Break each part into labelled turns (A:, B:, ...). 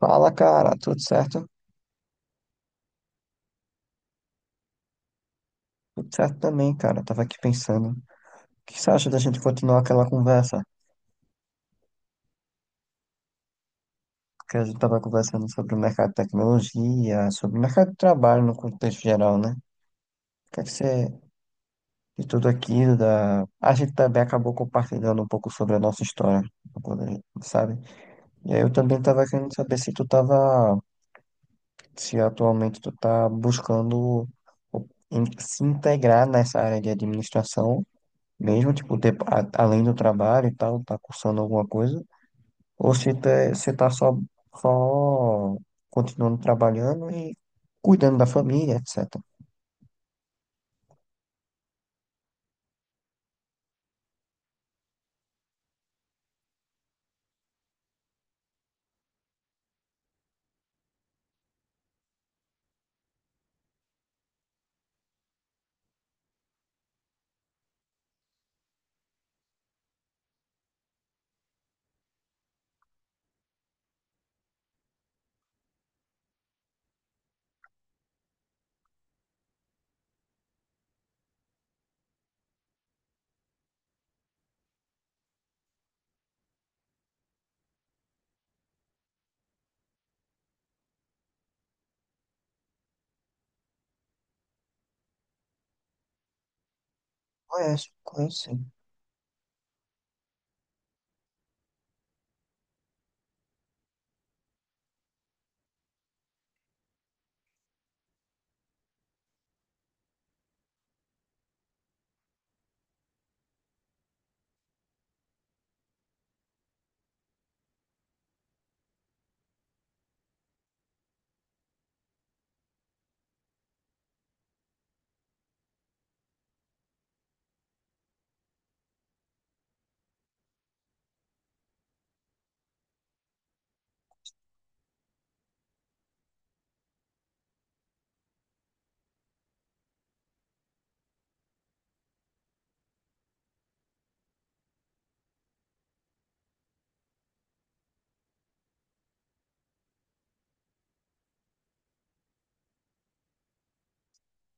A: Fala, cara, tudo certo? Tudo certo também, cara. Tava aqui pensando. O que você acha da gente continuar aquela conversa? Que a gente tava conversando sobre o mercado de tecnologia, sobre o mercado de trabalho no contexto geral, né? O que é que você, de tudo aquilo, da... a gente também acabou compartilhando um pouco sobre a nossa história, quando sabe? E aí eu também tava querendo saber se tu tava, se atualmente tu tá buscando se integrar nessa área de administração mesmo, tipo, ter, além do trabalho e tal, tá cursando alguma coisa? Ou se tá, você tá só, só continuando trabalhando e cuidando da família, etc. Conhece, conhece sim.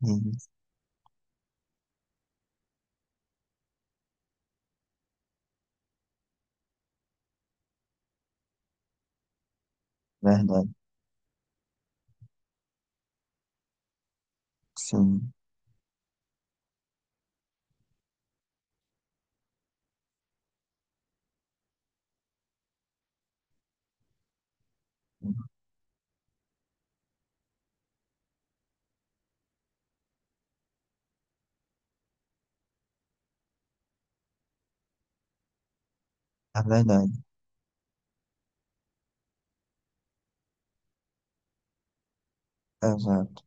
A: Hum, verdade, sim. É verdade, exato.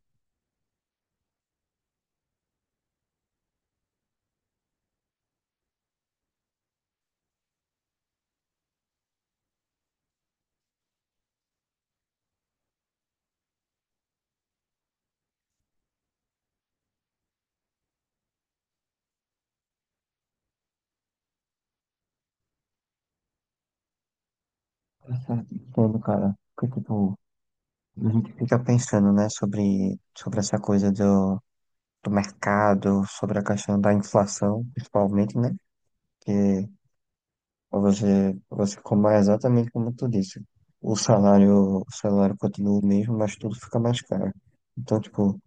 A: Exato, entendo, cara. Porque, tipo, a gente fica pensando, né, sobre, sobre essa coisa do, do mercado, sobre a questão da inflação, principalmente, né? Você, você compara exatamente como tu disse. O salário continua o mesmo, mas tudo fica mais caro. Então, tipo,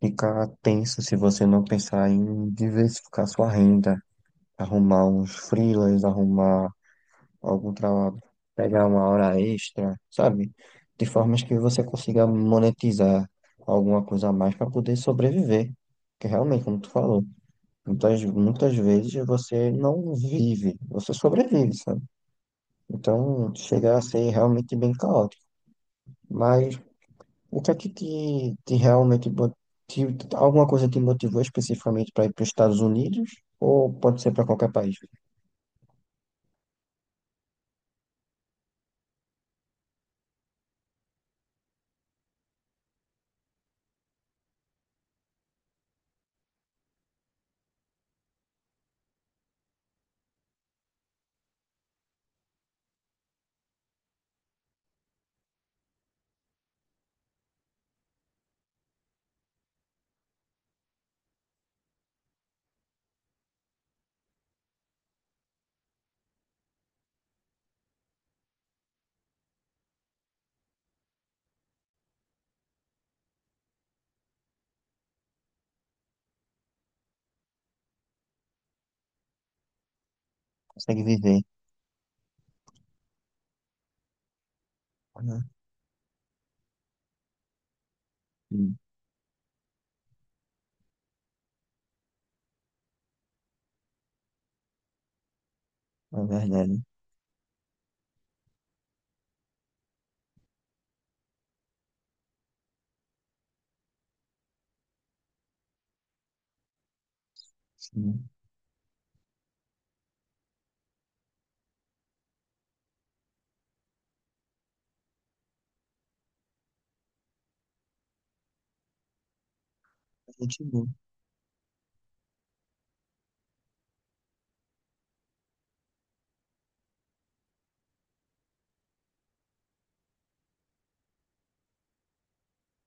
A: fica tenso se você não pensar em diversificar sua renda, arrumar uns freelas, arrumar algum trabalho, pegar uma hora extra, sabe? De formas que você consiga monetizar alguma coisa a mais para poder sobreviver. Que realmente, como tu falou, muitas, muitas vezes você não vive, você sobrevive, sabe? Então, chega a ser realmente bem caótico. Mas o que é que te realmente te, alguma coisa te motivou especificamente para ir para os Estados Unidos? Ou pode ser para qualquer país? Consegue viver, né? Sim, é verdade. Sim, é muito bom.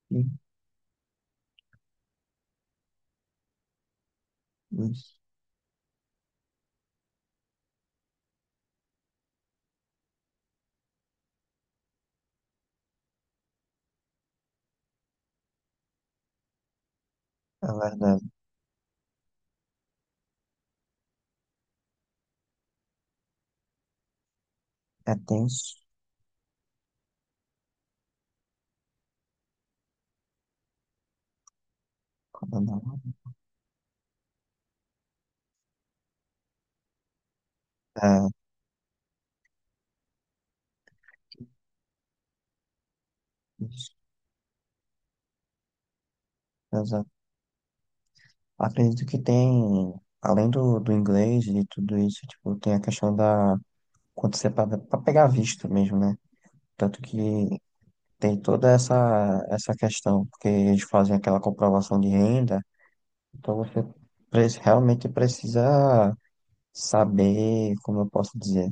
A: Sim, isso. É verdade. É tenso. Quando não. É, isso. Exato. Acredito que tem, além do, do inglês e de tudo isso, tipo, tem a questão da, quando você para pegar visto mesmo, né? Tanto que tem toda essa, essa questão, porque eles fazem aquela comprovação de renda, então você realmente precisa saber, como eu posso dizer,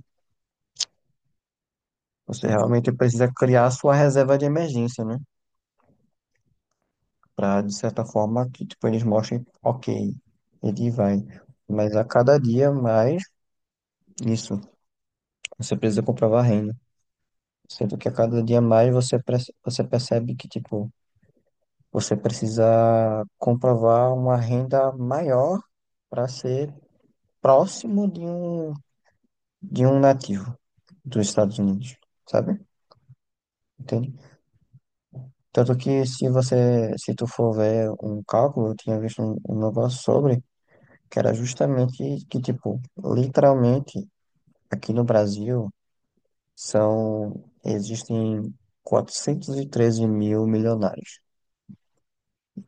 A: você realmente precisa criar a sua reserva de emergência, né? Para, de certa forma, que tipo, eles mostrem, ok, ele vai. Mas a cada dia mais, isso, você precisa comprovar a renda. Sendo que a cada dia mais você, você percebe que, tipo, você precisa comprovar uma renda maior para ser próximo de um nativo dos Estados Unidos, sabe? Entende? Tanto que se você, se tu for ver um cálculo, eu tinha visto um, um negócio sobre, que era justamente que, tipo, literalmente, aqui no Brasil, são, existem 413 mil milionários.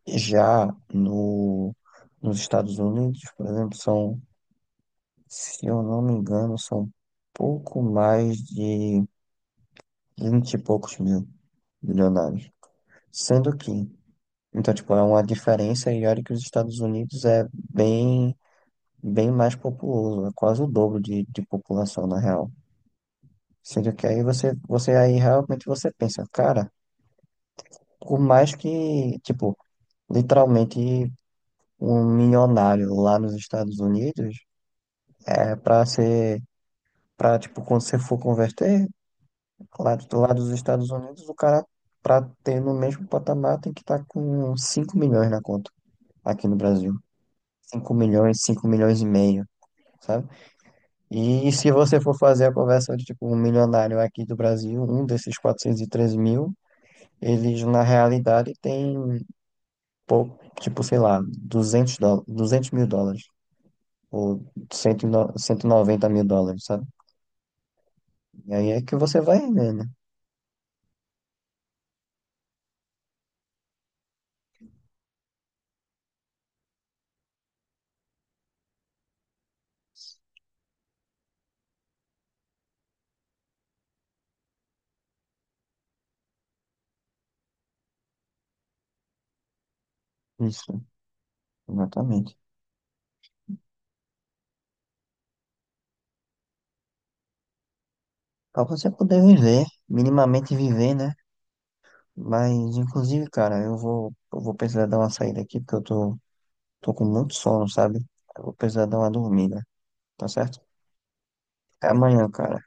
A: Já no, nos Estados Unidos, por exemplo, são, se eu não me engano, são pouco mais de 20 e poucos mil bilionários. Sendo que, então, tipo, é uma diferença e olha que os Estados Unidos é bem, bem mais populoso, é quase o dobro de população, na real. Sendo que aí você, você aí realmente você pensa, cara, por mais que, tipo, literalmente um milionário lá nos Estados Unidos é pra ser, pra, tipo, quando você for converter, lá, lá dos Estados Unidos, o cara, pra ter no mesmo patamar, tem que estar com 5 milhões na conta aqui no Brasil. Cinco milhões, 5 milhões e meio, sabe? E se você for fazer a conversão de, tipo, um milionário aqui do Brasil, um desses 413 mil, eles, na realidade, tem pouco, tipo, sei lá, 200 mil dólares, ou cento 190 mil dólares, sabe? E aí é que você vai ver, né? Isso, exatamente. Pra você poder viver, minimamente viver, né? Mas, inclusive, cara, eu vou precisar dar uma saída aqui, porque eu tô tô com muito sono, sabe? Eu vou precisar dar uma dormida, tá certo? Até amanhã, cara.